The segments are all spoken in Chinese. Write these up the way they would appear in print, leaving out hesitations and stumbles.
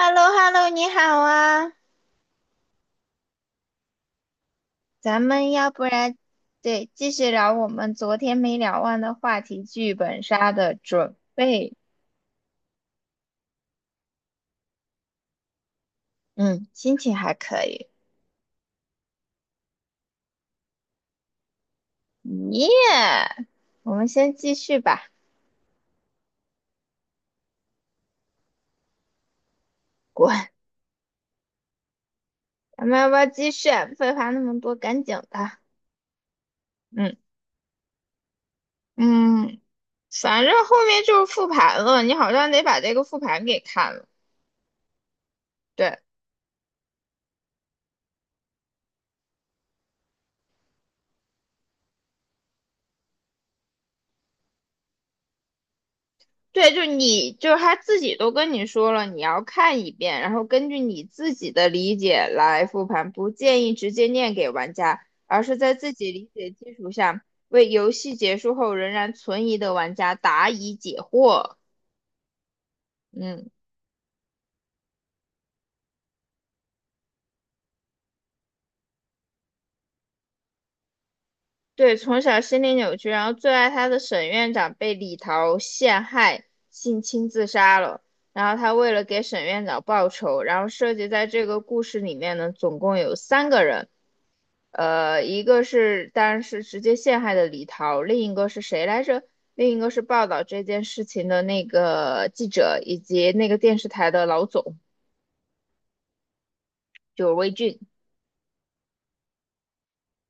h e l l o h e l l o 你好啊，咱们要不然对继续聊我们昨天没聊完的话题——剧本杀的准备。嗯，心情还可以。耶、我们先继续吧。滚，咱们要不要继续啊废话那么多，赶紧的。嗯嗯，反正后面就是复盘了，你好像得把这个复盘给看了。对，对，就是他自己都跟你说了，你要看一遍，然后根据你自己的理解来复盘，不建议直接念给玩家，而是在自己理解基础上，为游戏结束后仍然存疑的玩家答疑解惑。嗯。对，从小心理扭曲，然后最爱他的沈院长被李桃陷害，性侵自杀了。然后他为了给沈院长报仇，然后涉及在这个故事里面呢，总共有三个人，一个是当然是直接陷害的李桃，另一个是谁来着？另一个是报道这件事情的那个记者，以及那个电视台的老总，就是魏俊。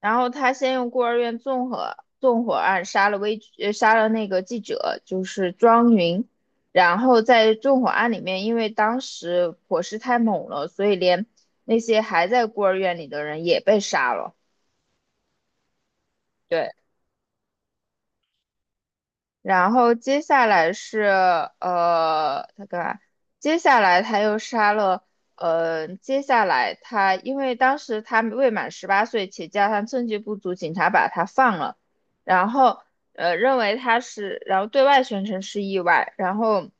然后他先用孤儿院纵火案杀了那个记者，就是庄云，然后在纵火案里面，因为当时火势太猛了，所以连那些还在孤儿院里的人也被杀了。对。然后接下来是他干嘛？接下来他又杀了，接下来他因为当时他未满18岁，且加上证据不足，警察把他放了，然后呃认为他是，然后对外宣称是意外，然后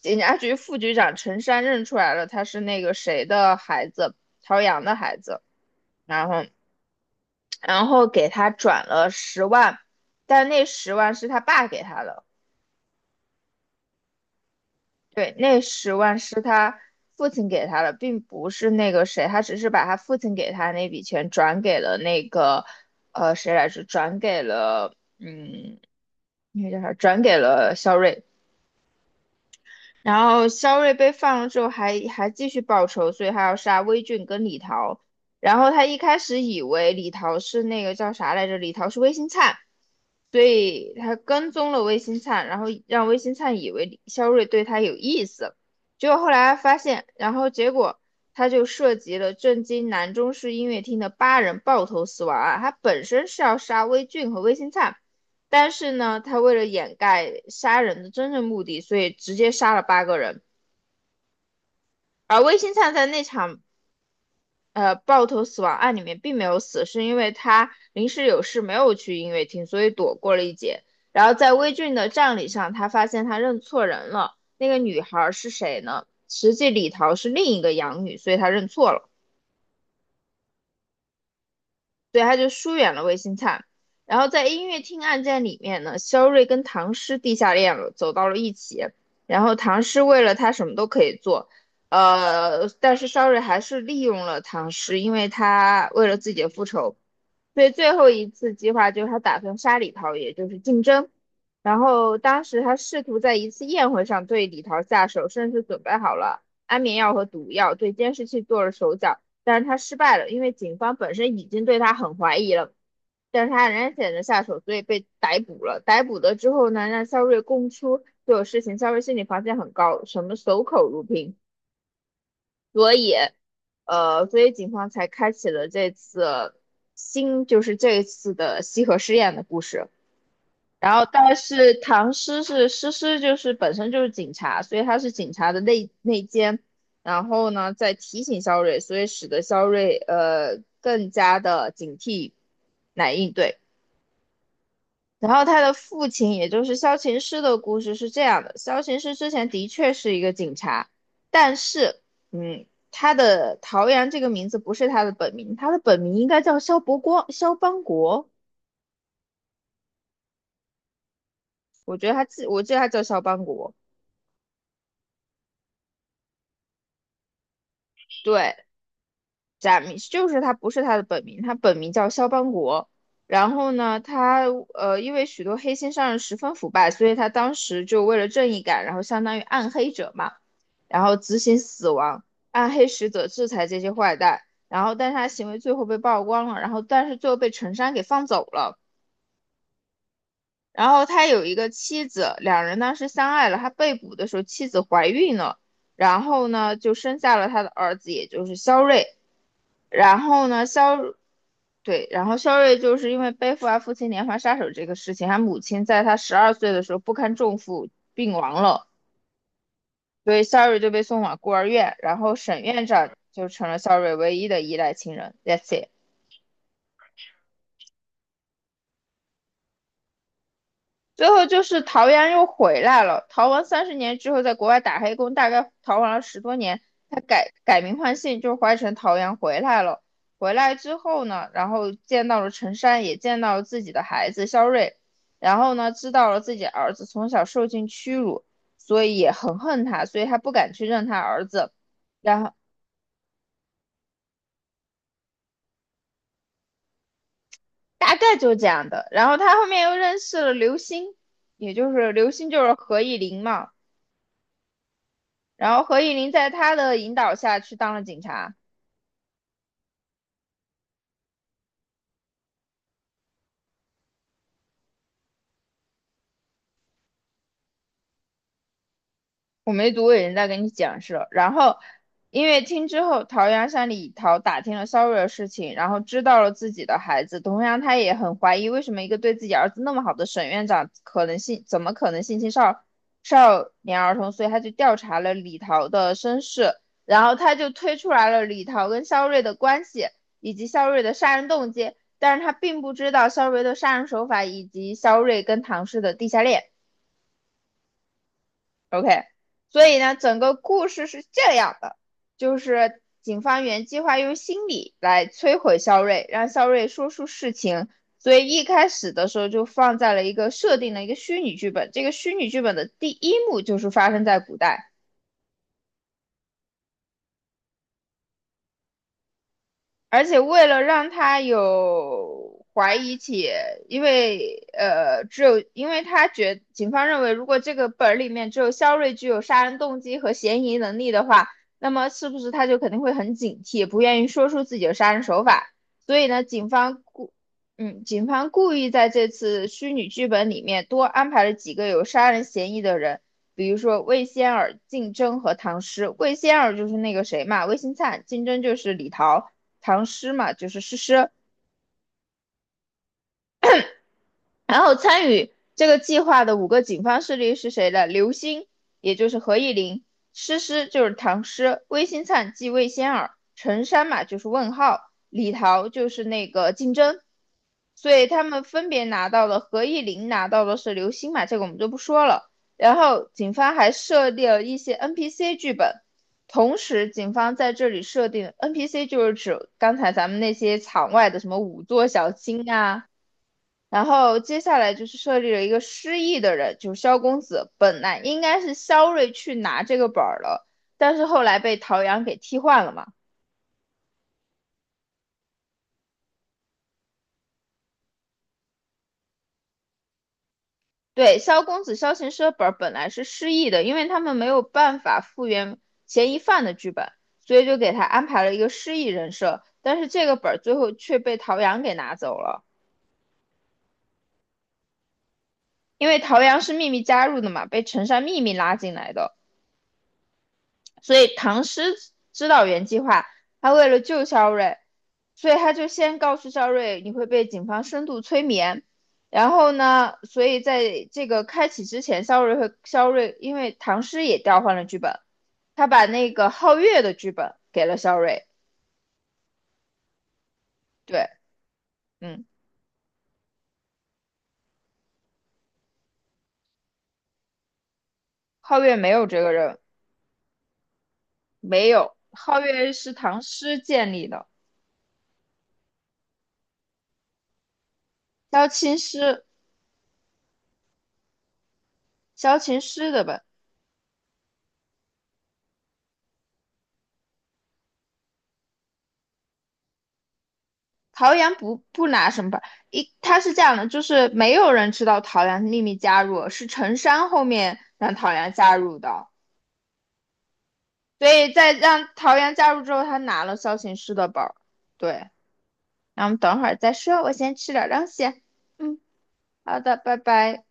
警察局副局长陈山认出来了，他是那个谁的孩子，陶阳的孩子，然后给他转了十万，但那十万是他爸给他的。对，那十万是他父亲给他的，并不是那个谁，他只是把他父亲给他那笔钱转给了那个，谁来着？转给了，那个叫啥？转给了肖瑞。然后肖瑞被放了之后还继续报仇，所以他要杀魏俊跟李桃。然后他一开始以为李桃是那个叫啥来着，李桃是魏新灿，所以他跟踪了魏新灿，然后让魏新灿以为李肖瑞对他有意思。结果后来发现，然后结果他就涉及了震惊南中市音乐厅的八人爆头死亡案，他本身是要杀魏俊和魏新灿。但是呢，他为了掩盖杀人的真正目的，所以直接杀了八个人。而魏新灿在那场爆头死亡案里面并没有死，是因为他临时有事没有去音乐厅，所以躲过了一劫。然后在魏俊的葬礼上，他发现他认错人了，那个女孩是谁呢？实际李桃是另一个养女，所以他认错了。所以他就疏远了魏新灿。然后在音乐厅案件里面呢，肖瑞跟唐诗地下恋了，走到了一起。然后唐诗为了他什么都可以做，但是肖瑞还是利用了唐诗，因为他为了自己的复仇。所以最后一次计划就是他打算杀李桃，也就是竞争。然后当时他试图在一次宴会上对李桃下手，甚至准备好了安眠药和毒药，对监视器做了手脚。但是他失败了，因为警方本身已经对他很怀疑了，但是他仍然选择下手，所以被逮捕了。逮捕了之后呢，让肖瑞供出所有事情，肖瑞心理防线很高，什么守口如瓶，所以，所以警方才开启了这次新，就是这次的西河试验的故事。然后但是唐诗是诗诗就是本身就是警察，所以他是警察的内奸，然后呢在提醒肖瑞，所以使得肖瑞更加的警惕来应对。然后他的父亲，也就是萧琴师的故事是这样的：萧琴师之前的确是一个警察，但是他的陶阳这个名字不是他的本名，他的本名应该叫萧伯光、萧邦国。我觉得他记，我记得他叫萧邦国。对，假名就是他不是他的本名，他本名叫肖邦国。然后呢，他因为许多黑心商人十分腐败，所以他当时就为了正义感，然后相当于暗黑者嘛，然后执行死亡，暗黑使者制裁这些坏蛋。然后，但是他行为最后被曝光了，然后但是最后被陈山给放走了。然后他有一个妻子，两人当时相爱了。他被捕的时候，妻子怀孕了，然后呢就生下了他的儿子，也就是肖瑞。然后呢，对，然后肖瑞就是因为背负了父亲连环杀手这个事情，他母亲在他12岁的时候不堪重负病亡了，所以肖瑞就被送往孤儿院，然后沈院长就成了肖瑞唯一的依赖亲人。That's it。最后就是陶阳又回来了。逃亡30年之后，在国外打黑工，大概逃亡了10多年，他改名换姓，就是换成陶阳回来了。回来之后呢，然后见到了陈山，也见到了自己的孩子肖瑞，然后呢，知道了自己儿子从小受尽屈辱，所以也很恨他，所以他不敢去认他儿子。然后大概就这样的。然后他后面又认识了刘星，也就是刘星就是何以琳嘛。然后何以琳在他的引导下去当了警察。我没读，我已经在跟你讲是了。然后，音乐厅之后，陶阳向李桃打听了肖扰的事情，然后知道了自己的孩子。同样，他也很怀疑为什么一个对自己儿子那么好的沈院长，可能性怎么可能性侵少年儿童？所以他就调查了李桃的身世，然后他就推出来了李桃跟肖瑞的关系，以及肖瑞的杀人动机。但是他并不知道肖瑞的杀人手法，以及肖瑞跟唐氏的地下恋。OK，所以呢，整个故事是这样的，就是警方原计划用心理来摧毁肖瑞，让肖瑞说出事情，所以一开始的时候就放在了一个设定的一个虚拟剧本。这个虚拟剧本的第一幕就是发生在古代，而且为了让他有怀疑起，因为只有因为警方认为，如果这个本儿里面只有肖瑞具有杀人动机和嫌疑能力的话，那么是不是他就肯定会很警惕，不愿意说出自己的杀人手法？所以呢，警方故意在这次虚拟剧本里面多安排了几个有杀人嫌疑的人，比如说魏仙儿、竞争和唐诗。魏仙儿就是那个谁嘛，魏新灿；竞争就是李桃。唐诗嘛，就是诗诗。然后参与这个计划的五个警方势力是谁呢？刘星，也就是何意林；诗诗就是唐诗；魏新灿即魏仙儿；陈山嘛就是问号；李桃就是那个竞争。所以他们分别拿到了何意林拿到的是刘星嘛，这个我们就不说了。然后警方还设立了一些 NPC 剧本，同时警方在这里设定 NPC 就是指刚才咱们那些场外的什么五座小青啊。然后接下来就是设立了一个失忆的人，就是萧公子。本来应该是萧睿去拿这个本儿了，但是后来被陶阳给替换了嘛。对，萧公子、萧琴师的本儿本来是失忆的，因为他们没有办法复原嫌疑犯的剧本，所以就给他安排了一个失忆人设。但是这个本儿最后却被陶阳给拿走了，因为陶阳是秘密加入的嘛，被陈山秘密拉进来的，所以唐诗知道原计划，他为了救萧睿。所以他就先告诉肖瑞，你会被警方深度催眠。然后呢，所以在这个开启之前，肖瑞和肖瑞，因为唐诗也调换了剧本，他把那个皓月的剧本给了肖瑞。对，嗯，皓月没有这个人，没有，皓月是唐诗建立的，萧琴诗，萧琴诗的本。陶阳不拿什么本，一他是这样的，就是没有人知道陶阳秘密加入，是陈山后面让陶阳加入的。所以在让桃园加入之后，他拿了萧琴师的包对，那我们等会儿再说，我先吃点东西。嗯，好的，拜拜。